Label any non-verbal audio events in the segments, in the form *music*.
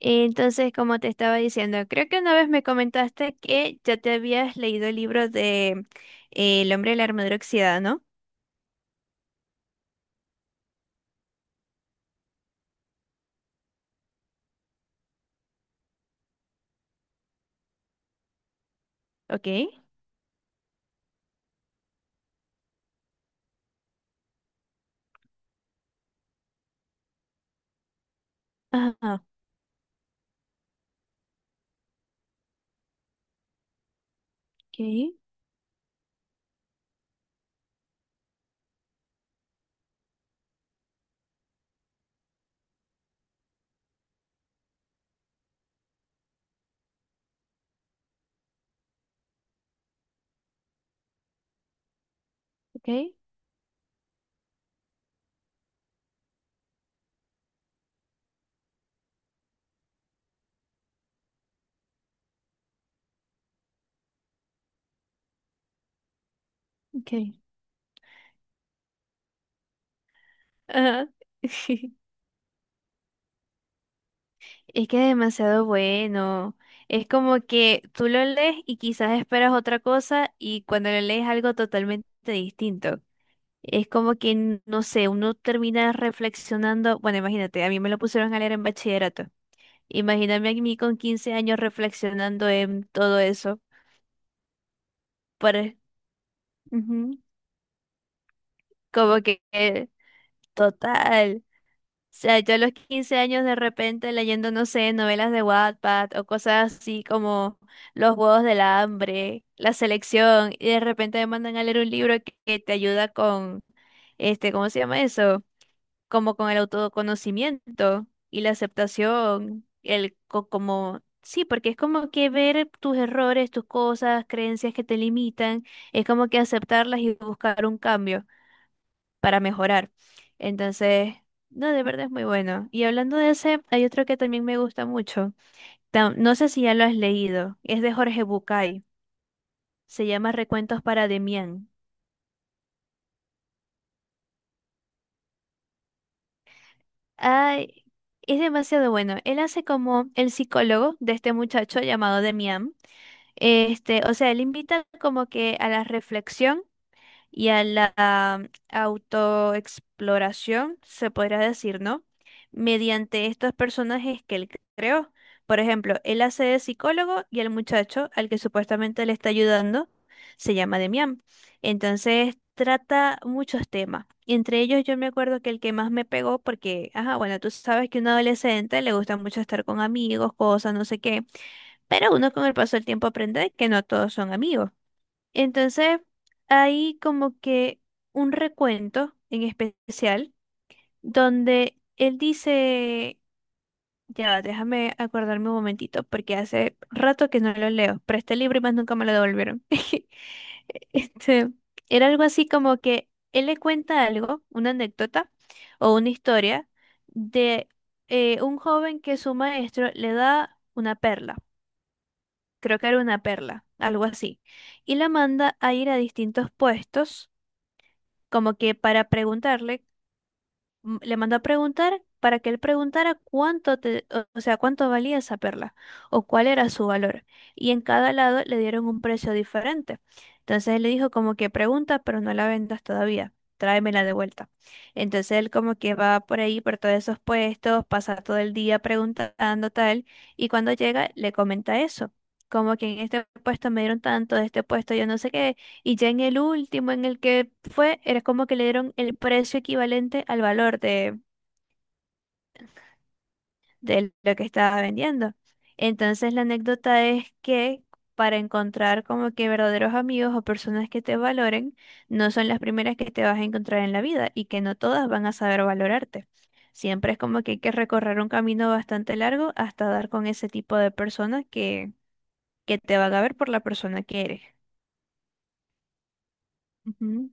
Entonces, como te estaba diciendo, creo que una vez me comentaste que ya te habías leído el libro de El hombre de la armadura oxidada, ¿no? Ok. Ajá. Ok, ok, ok. Ajá. *laughs* Es que es demasiado bueno. Es como que tú lo lees y quizás esperas otra cosa y cuando lo lees algo totalmente distinto. Es como que, no sé, uno termina reflexionando. Bueno, imagínate, a mí me lo pusieron a leer en bachillerato. Imagíname a mí con 15 años reflexionando en todo eso. Pare- Ujú. Como que, total. O sea, yo a los 15 años de repente leyendo, no sé, novelas de Wattpad o cosas así como Los Juegos del Hambre, La Selección, y de repente me mandan a leer un libro que, te ayuda con, ¿cómo se llama eso? Como con el autoconocimiento y la aceptación, como sí, porque es como que ver tus errores, tus cosas, creencias que te limitan, es como que aceptarlas y buscar un cambio para mejorar. Entonces, no, de verdad es muy bueno. Y hablando de ese, hay otro que también me gusta mucho. No sé si ya lo has leído, es de Jorge Bucay, se llama Recuentos para Demián. Ay, es demasiado bueno. Él hace como el psicólogo de este muchacho llamado Demián. O sea, él invita como que a la reflexión y a la autoexploración, se podría decir, ¿no? Mediante estos personajes que él creó. Por ejemplo, él hace de psicólogo y el muchacho al que supuestamente le está ayudando se llama Demian. Entonces, trata muchos temas. Entre ellos, yo me acuerdo que el que más me pegó, porque, ajá, bueno, tú sabes que un adolescente le gusta mucho estar con amigos, cosas, no sé qué. Pero uno con el paso del tiempo aprende que no todos son amigos. Entonces, hay como que un recuento en especial donde él dice, ya, va, déjame acordarme un momentito, porque hace rato que no lo leo. Pero este libro y más nunca me lo devolvieron. *laughs* Este, era algo así como que él le cuenta algo, una anécdota o una historia de un joven que su maestro le da una perla, creo que era una perla, algo así, y la manda a ir a distintos puestos, como que para preguntarle, le mandó a preguntar para que él preguntara o sea, cuánto valía esa perla o cuál era su valor. Y en cada lado le dieron un precio diferente. Entonces él le dijo como que pregunta, pero no la vendas todavía. Tráemela de vuelta. Entonces él como que va por ahí, por todos esos puestos, pasa todo el día preguntando tal, y cuando llega le comenta eso, como que en este puesto me dieron tanto, de este puesto yo no sé qué, y ya en el último en el que fue, era como que le dieron el precio equivalente al valor de lo que estaba vendiendo. Entonces la anécdota es que para encontrar como que verdaderos amigos o personas que te valoren, no son las primeras que te vas a encontrar en la vida y que no todas van a saber valorarte. Siempre es como que hay que recorrer un camino bastante largo hasta dar con ese tipo de persona que te va a ver por la persona que eres. Ujú.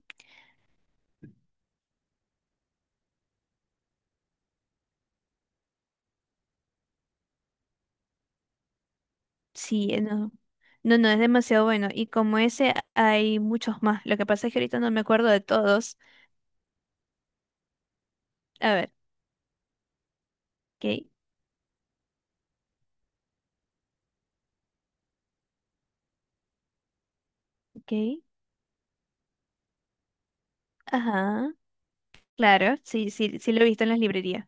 Sí, no. No, no, es demasiado bueno. Y como ese hay muchos más. Lo que pasa es que ahorita no me acuerdo de todos. A ver, ok, ok. Ajá. Claro, sí, sí, sí lo he visto en las librerías.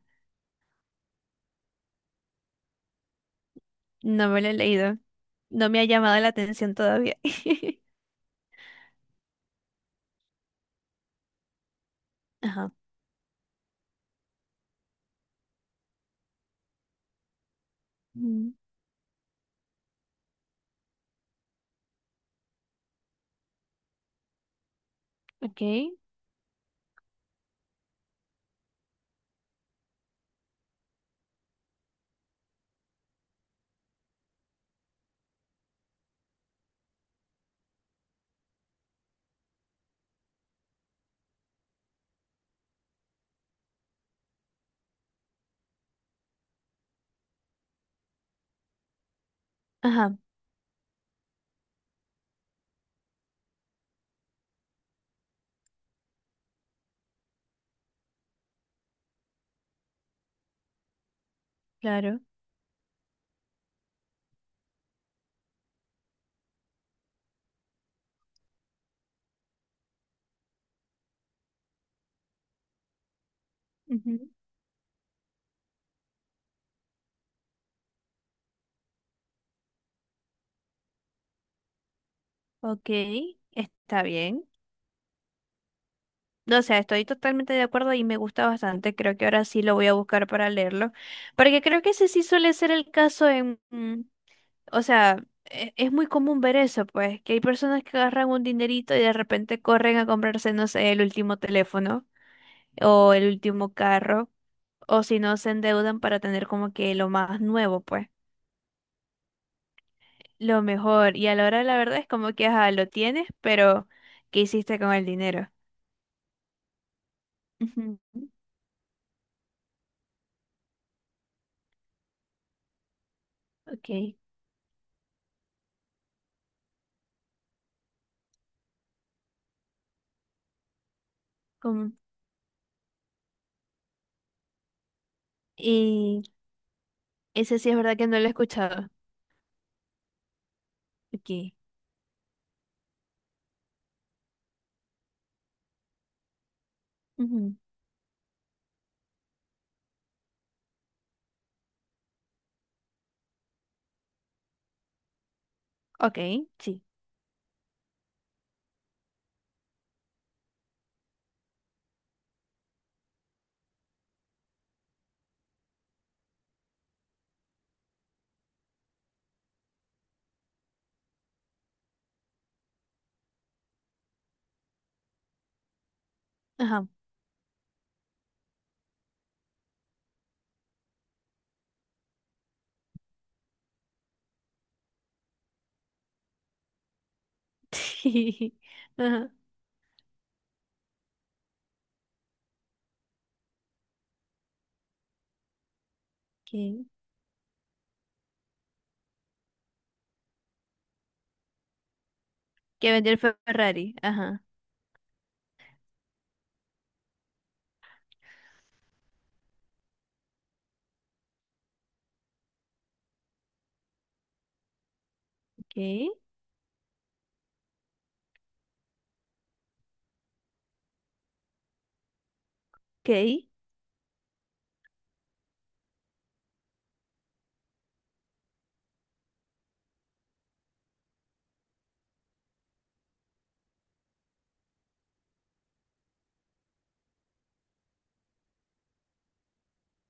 No me lo he leído. No me ha llamado la atención todavía. *laughs* Ajá. Mm. Ok. Ajá, claro. Ujú. Ok, está bien. No, o sea, estoy totalmente de acuerdo y me gusta bastante. Creo que ahora sí lo voy a buscar para leerlo. Porque creo que ese sí suele ser el caso en... O sea, es muy común ver eso, pues, que hay personas que agarran un dinerito y de repente corren a comprarse, no sé, el último teléfono o el último carro, o si no, se endeudan para tener como que lo más nuevo, pues, lo mejor. Y a la hora de la verdad es como que, ajá, lo tienes, pero ¿qué hiciste con el dinero? Ujú. Ok. como- Y ese sí es verdad que no lo he escuchado. Ok. Ujú. Ok. Sí. Ajá. *laughs* Ajá. Ok. Que vendió el Ferrari. Ajá. Ok. Ok.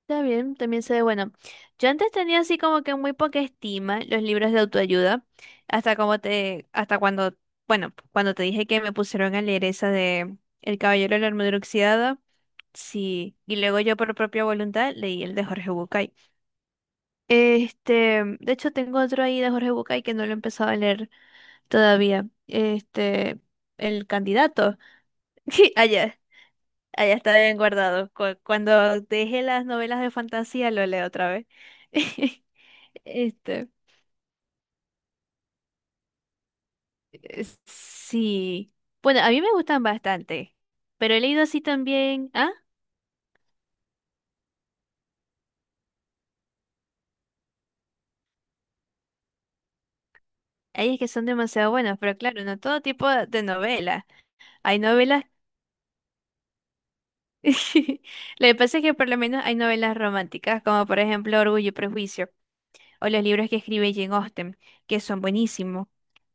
Está bien, también se ve bueno. Yo antes tenía así como que muy poca estima los libros de autoayuda. Hasta como te, hasta cuando, bueno, cuando te dije que me pusieron a leer esa de El Caballero de la Armadura Oxidada. Sí. Y luego yo por propia voluntad leí el de Jorge Bucay. De hecho tengo otro ahí de Jorge Bucay que no lo he empezado a leer todavía. Este, el candidato. *laughs* Allá. Allá está bien guardado. Cuando deje las novelas de fantasía, lo leo otra vez. *laughs* Este, sí. Bueno, a mí me gustan bastante, pero he leído así también. Ah, hay es que son demasiado buenas, pero claro, no todo tipo de novelas. Hay novelas. *laughs* Lo que pasa es que por lo menos hay novelas románticas, como por ejemplo Orgullo y Prejuicio, o los libros que escribe Jane Austen, que son buenísimos.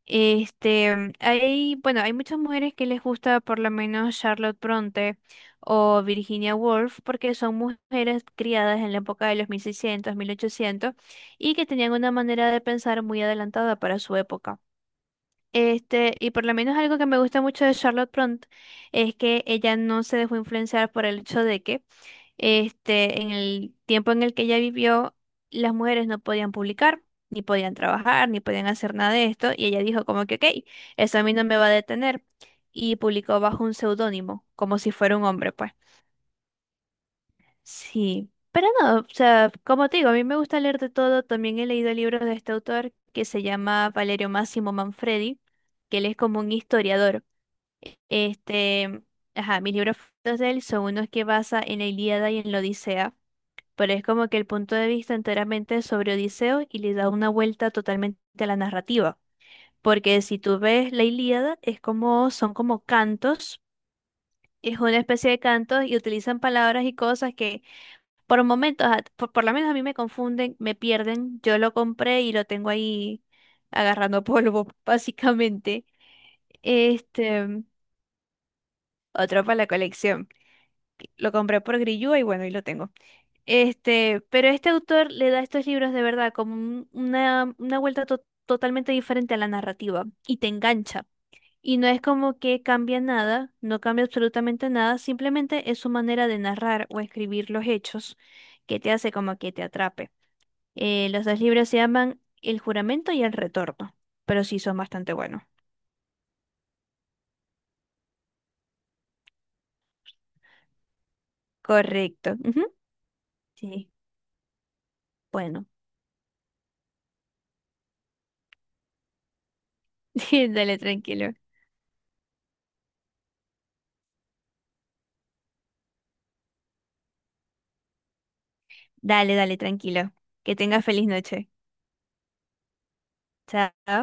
Este, Hay, bueno, hay muchas mujeres que les gusta, por lo menos, Charlotte Bronte o Virginia Woolf, porque son mujeres criadas en la época de los 1600, 1800, y que tenían una manera de pensar muy adelantada para su época. Y por lo menos algo que me gusta mucho de Charlotte Bronte es que ella no se dejó influenciar por el hecho de que, en el tiempo en el que ella vivió, las mujeres no podían publicar, ni podían trabajar, ni podían hacer nada de esto, y ella dijo como que, ok, eso a mí no me va a detener, y publicó bajo un seudónimo, como si fuera un hombre, pues. Sí, pero no, o sea, como te digo, a mí me gusta leer de todo, también he leído libros de este autor que se llama Valerio Máximo Manfredi, que él es como un historiador. Este, ajá, mis libros favoritos de él son unos que basa en la Ilíada y en la Odisea, pero es como que el punto de vista enteramente sobre Odiseo, y le da una vuelta totalmente a la narrativa. Porque si tú ves la Ilíada, es como, son como cantos, es una especie de cantos y utilizan palabras y cosas que por momentos, por lo menos a mí me confunden, me pierden. Yo lo compré y lo tengo ahí agarrando polvo, *laughs* básicamente. Este, otro para la colección. Lo compré por Grillúa y bueno, y lo tengo. Pero este autor le da a estos libros de verdad como una vuelta totalmente diferente a la narrativa y te engancha. Y no es como que cambia nada, no cambia absolutamente nada, simplemente es su manera de narrar o escribir los hechos, que te hace como que te atrape. Los dos libros se llaman El juramento y El retorno, pero sí son bastante buenos. Correcto. Ujú. Sí, bueno. *laughs* Dale, tranquilo. Dale, dale, tranquilo. Que tengas feliz noche. Chao.